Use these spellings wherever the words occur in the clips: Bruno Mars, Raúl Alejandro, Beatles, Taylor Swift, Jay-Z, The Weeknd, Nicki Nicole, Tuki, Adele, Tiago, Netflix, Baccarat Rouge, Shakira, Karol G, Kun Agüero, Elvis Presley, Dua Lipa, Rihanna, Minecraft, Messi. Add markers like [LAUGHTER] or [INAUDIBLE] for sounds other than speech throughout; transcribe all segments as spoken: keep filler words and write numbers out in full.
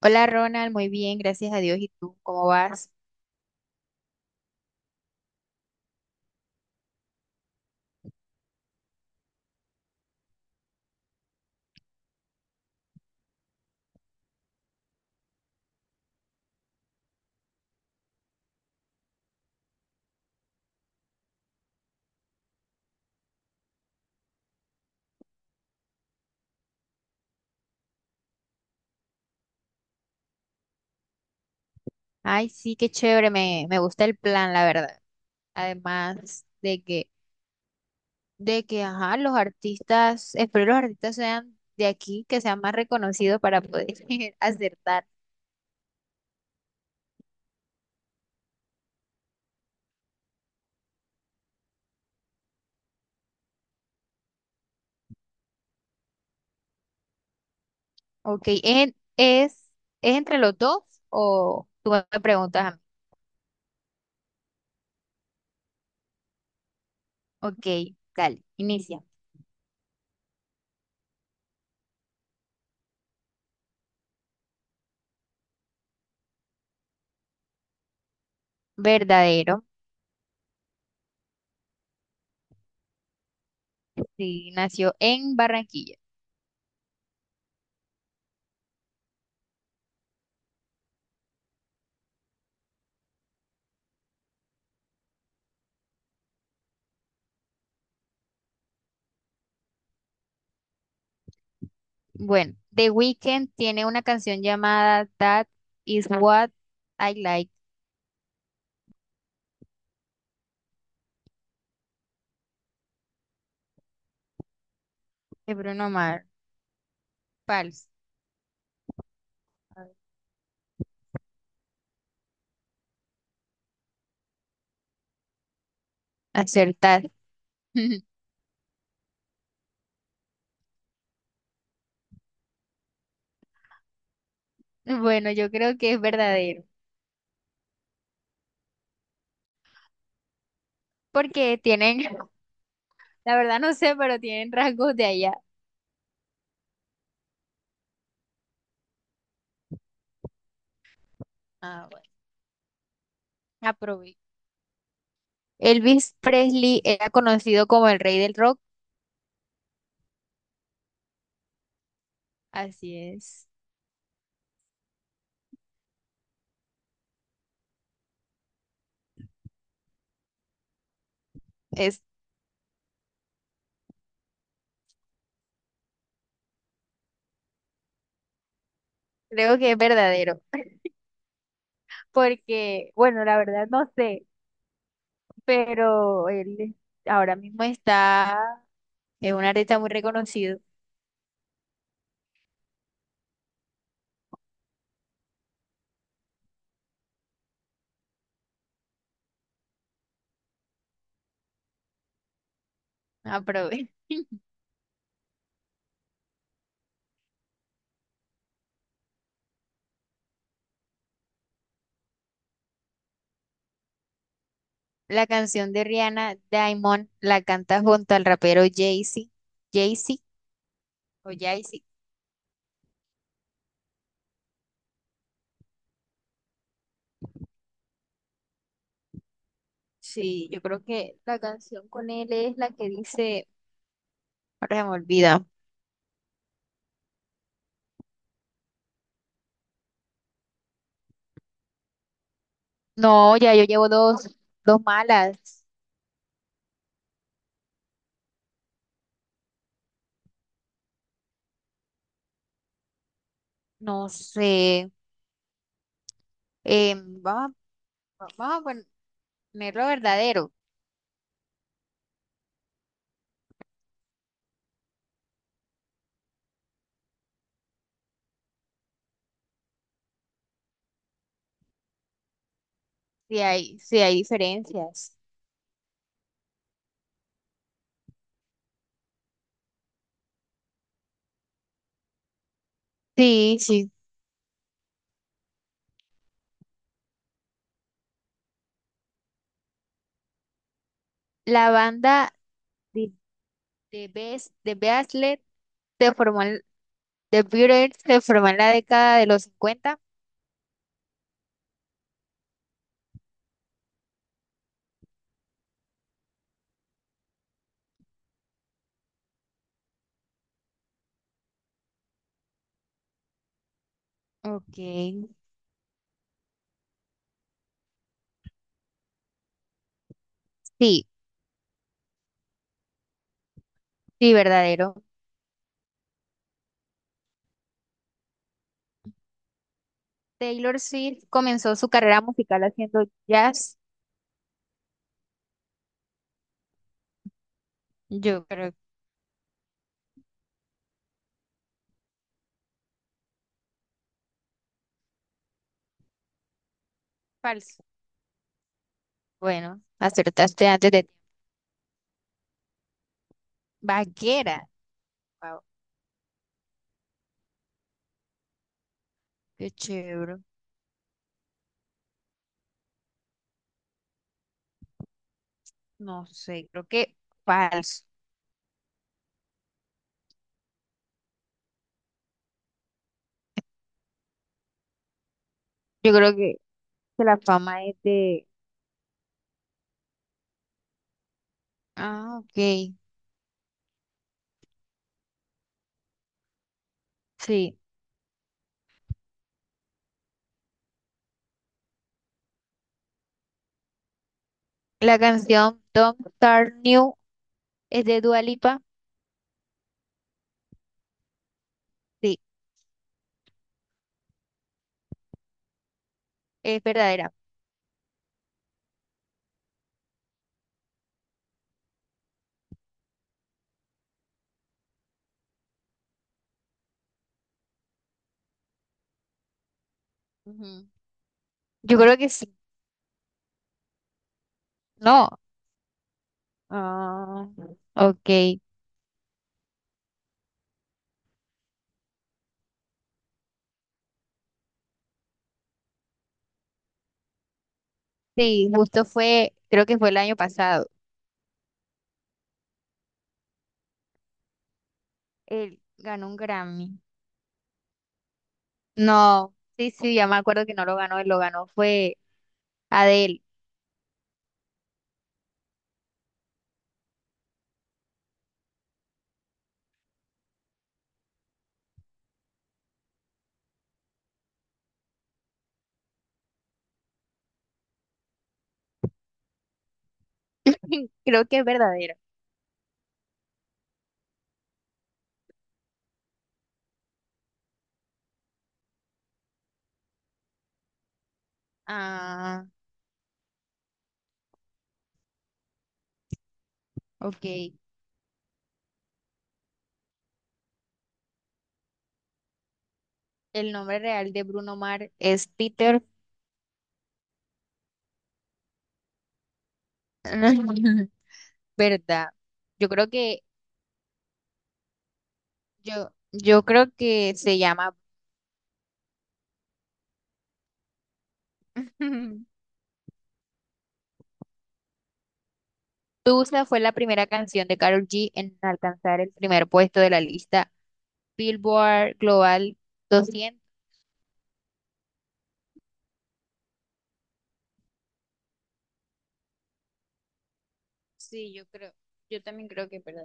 Hola Ronald, muy bien, gracias a Dios. ¿Y tú cómo vas? Ay, sí, qué chévere, me, me gusta el plan, la verdad. Además de que, de que, ajá, los artistas, espero los artistas sean de aquí, que sean más reconocidos para poder [LAUGHS] acertar. Ok, ¿en- ¿es, es entre los dos o tú me preguntas a mí? Ok, dale, inicia. Verdadero, sí, nació en Barranquilla. Bueno, The Weeknd tiene una canción llamada That Is What I Like de Bruno Mars. Falso. Acertar. [LAUGHS] Bueno, yo creo que es verdadero. Porque tienen, [LAUGHS] la verdad no sé, pero tienen rasgos de allá. Ah, bueno. Aprobé. Elvis Presley era conocido como el rey del rock. Así es. Es, creo que es verdadero. Porque, bueno, la verdad no sé, pero él ahora mismo está, es un artista muy reconocido. Aprobé. La canción de Rihanna, Diamond, la canta junto al rapero Jay-Z. Jay-Z o Jay-Z. Sí, yo creo que la canción con él es la que dice, ahora se me olvida. No, ya yo llevo dos, dos malas. No sé. Eh, vamos, a vamos a ponerlo verdadero, si hay, si hay diferencias. Sí, sí. La banda de, de Bes- de Beastle se formó en- de Beatles se formó en la década de los cincuenta. Ok. Sí, sí, verdadero. Taylor Swift comenzó su carrera musical haciendo jazz. Yo creo que falso. Bueno, acertaste antes de Vaquera. Wow, qué chévere. No sé, creo que falso. Yo creo que la fama es de. Ah, ok. Sí. La canción Don't Start New es de Dua Lipa. Sí, es verdadera. Ujú. Yo creo que sí. No. Ah, ok. Sí, justo fue, creo que fue el año pasado. Él ganó un Grammy. No, sí, sí, ya me acuerdo que no lo ganó, él lo ganó fue Adele. [LAUGHS] Creo que es verdadero. Ah, ok. El nombre real de Bruno Mars es Peter. [LAUGHS] ¿Verdad? Yo creo que, yo, yo creo que se llama. [LAUGHS] Tusa fue la primera canción de Karol G en alcanzar el primer puesto de la lista Billboard Global doscientos. Sí, yo creo, yo también creo que es verdad.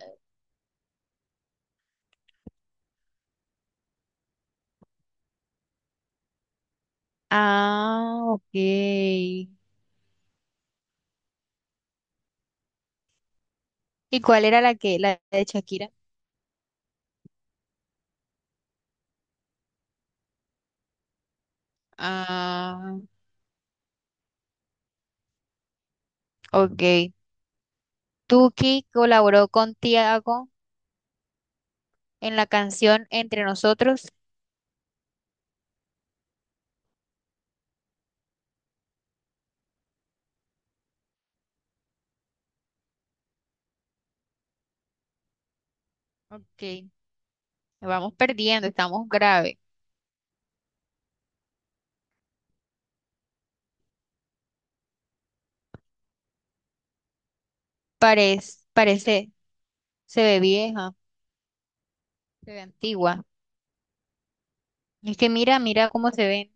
Ah, ok. ¿Y cuál era la que, la de Shakira? Ah, ok. Tuki colaboró con Tiago en la canción Entre Nosotros. Ok, vamos perdiendo, estamos grave. Parece, parece, se ve vieja, se ve antigua. Es que mira, mira cómo se ven.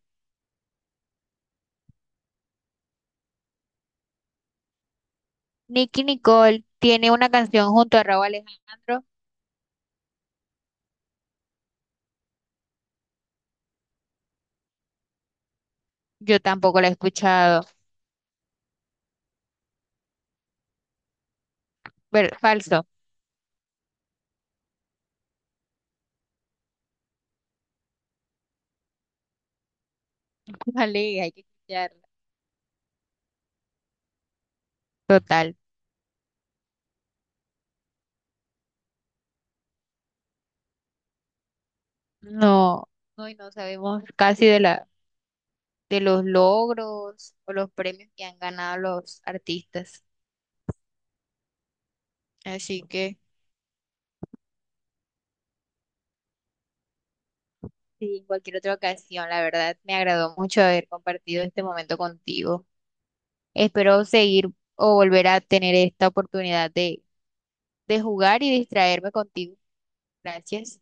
Nicki Nicole tiene una canción junto a Raúl Alejandro. Yo tampoco la he escuchado. Ver- falso. [LAUGHS] Vale, hay que escucharla. Total. No, no, y no sabemos casi de la, de los logros o los premios que han ganado los artistas. Así que sí, en cualquier otra ocasión, la verdad, me agradó mucho haber compartido este momento contigo. Espero seguir o volver a tener esta oportunidad de, de, jugar y distraerme contigo. Gracias.